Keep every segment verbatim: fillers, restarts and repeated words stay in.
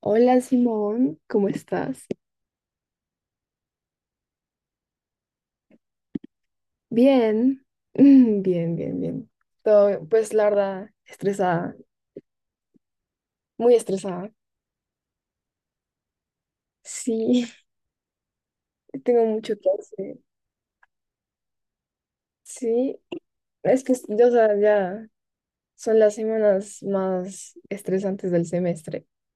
Hola Simón, ¿cómo estás? Bien, bien, bien, bien. Todo, pues la verdad, estresada, muy estresada. Sí, tengo mucho que hacer. Sí, es que yo, o sea, ya son las semanas más estresantes del semestre.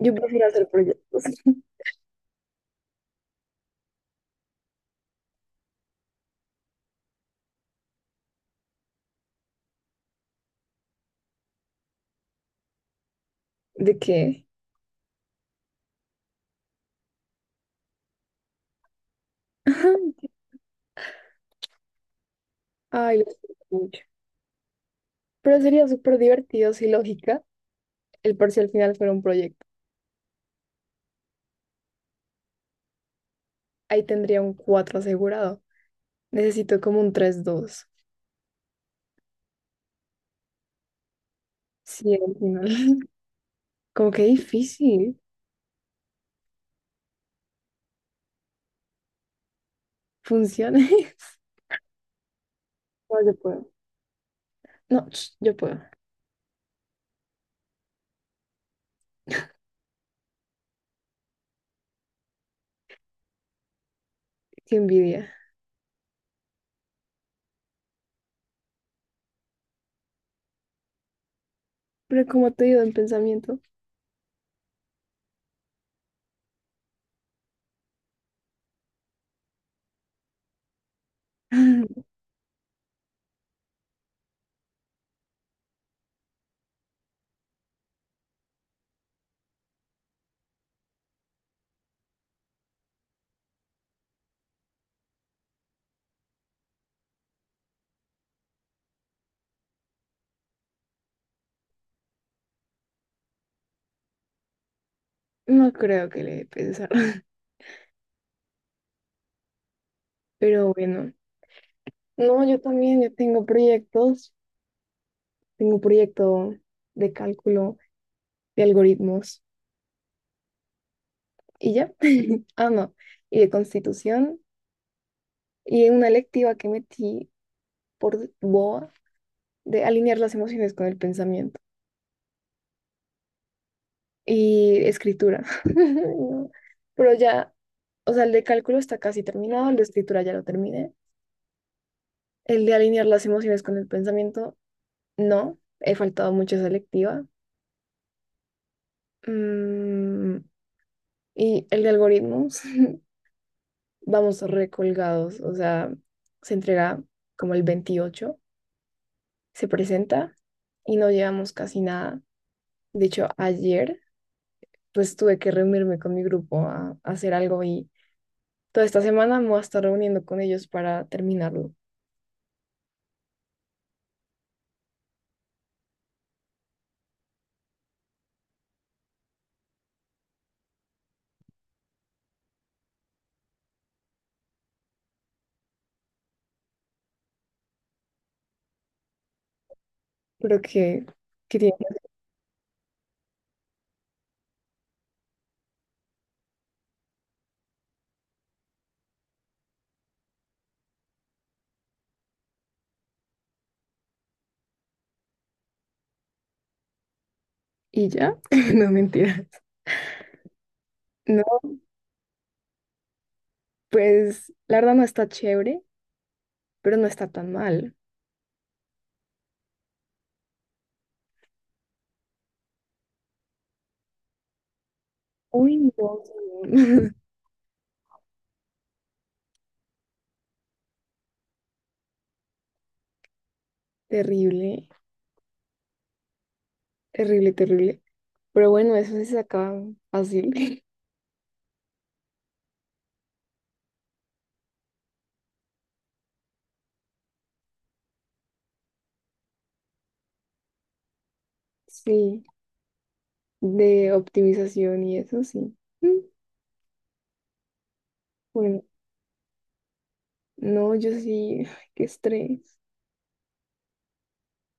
Yo prefiero hacer proyectos. ¿De qué? Ajá. Ay, lo siento mucho. Pero sería súper divertido si lógica el parcial final fuera un proyecto. Ahí tendría un cuatro asegurado. Necesito como un tres dos. Sí, al final. Como que difícil. Funciones. No, yo puedo. No, ch, yo puedo. Qué envidia. Pero como te digo en pensamiento, no creo que le dé pensar. Pero bueno. No, yo también, yo tengo proyectos. Tengo un proyecto de cálculo, de algoritmos. Y ya. Ah, no. Y de constitución. Y una electiva que metí por boa, de alinear las emociones con el pensamiento. Y escritura. No, pero ya, o sea, el de cálculo está casi terminado, el de escritura ya lo terminé. El de alinear las emociones con el pensamiento, no, he faltado mucho a esa lectiva. Mm, y el de algoritmos, vamos recolgados, o sea, se entrega como el veintiocho, se presenta, y no llevamos casi nada. De hecho, ayer pues tuve que reunirme con mi grupo a, a hacer algo. Y toda esta semana me voy a estar reuniendo con ellos para terminarlo. Pero que, que tiene- Y ya, no, mentiras. No, pues la verdad no está chévere, pero no está tan mal. Uy, no, no. Terrible, terrible, terrible. Pero bueno, eso sí se saca fácil. Sí, de optimización y eso sí. Mm, bueno, no, yo sí, qué estrés.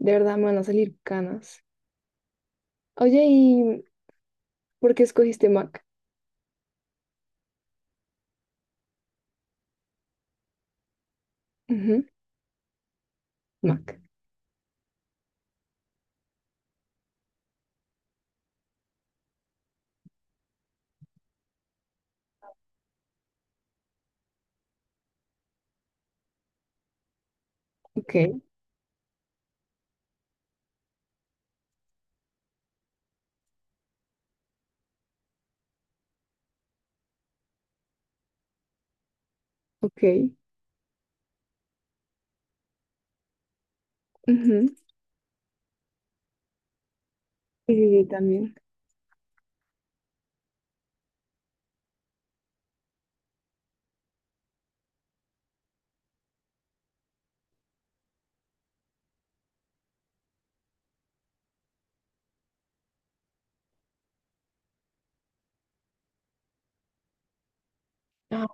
De verdad me van a salir canas. Oye, ¿y por qué escogiste Mac? Ujú, Mac. Ok, ok. Ujú, sí, sí, sí, también. Ah,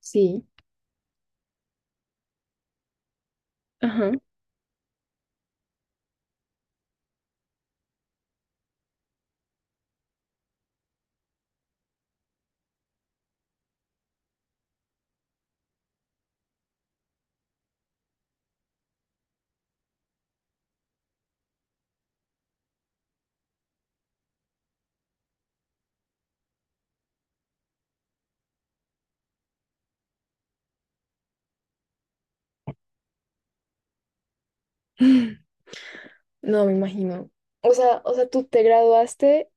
sí, ajá. No, me imagino. O sea, o sea, tú te graduaste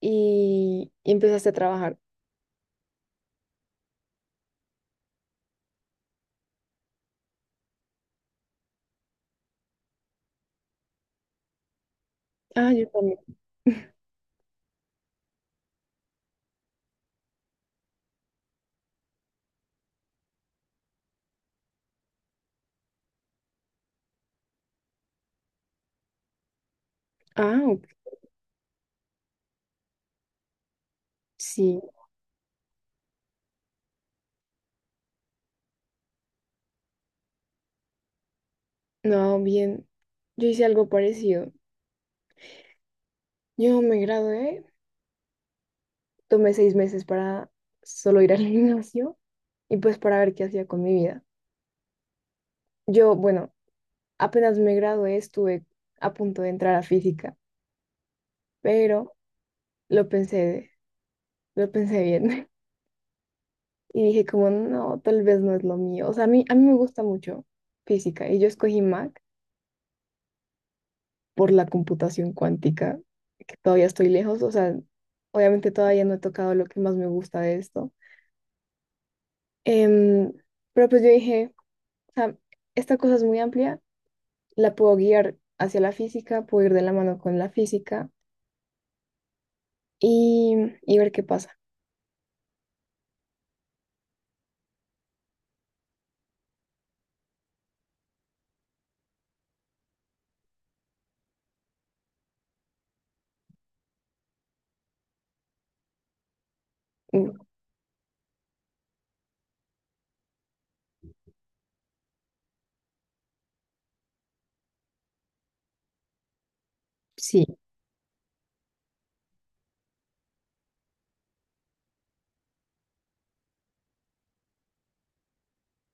y, y empezaste a trabajar. Ah, yo también. Ah, ok, sí. No, bien. Yo hice algo parecido. Yo me gradué, tomé seis meses para solo ir al gimnasio y pues para ver qué hacía con mi vida. Yo, bueno, apenas me gradué, estuve a punto de entrar a física, pero lo pensé. Lo pensé bien y dije como, no, tal vez no es lo mío. O sea, a mí, a mí me gusta mucho física, y yo escogí Mac por la computación cuántica, que todavía estoy lejos. O sea, obviamente todavía no he tocado lo que más me gusta de esto. Em, pero pues yo dije, o sea, esta cosa es muy amplia, la puedo guiar hacia la física, puedo ir de la mano con la física y, y ver qué pasa. Mm, sí,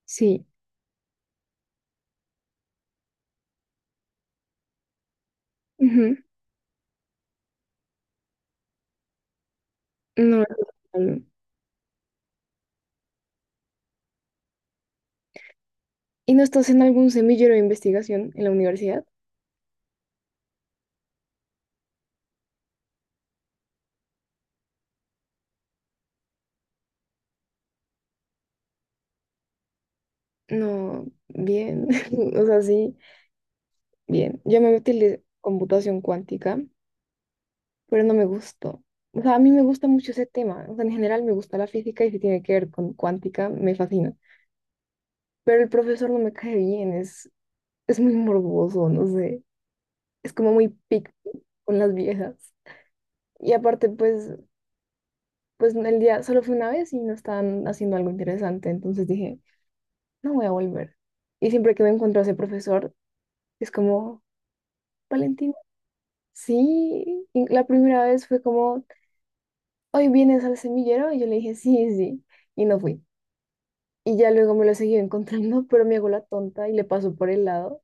sí. Ujú, no, em, ¿y no estás en algún semillero de investigación en la universidad? No, bien, o sea, sí, bien. Yo me metí en computación cuántica, pero no me gustó. O sea, a mí me gusta mucho ese tema. O sea, en general me gusta la física, y si tiene que ver con cuántica, me fascina. Pero el profesor no me cae bien, es, es muy morboso, no sé. Es como muy picky con las viejas. Y aparte, pues, pues el día solo fue una vez y no estaban haciendo algo interesante. Entonces dije, no voy a volver. Y siempre que me encuentro a ese profesor, es como, Valentina. Sí, y la primera vez fue como, hoy vienes al semillero, y yo le dije, sí, sí, y no fui. Y ya luego me lo seguí encontrando, pero me hago la tonta y le paso por el lado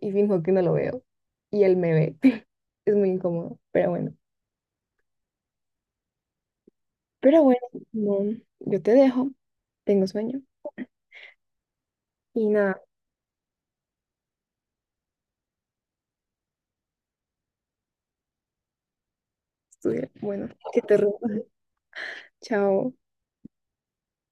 y finjo que no lo veo. Y él me ve. Es muy incómodo, pero bueno. Pero bueno, no, yo te dejo, tengo sueño y nada, estudia. Bueno, que te rinda. Chao.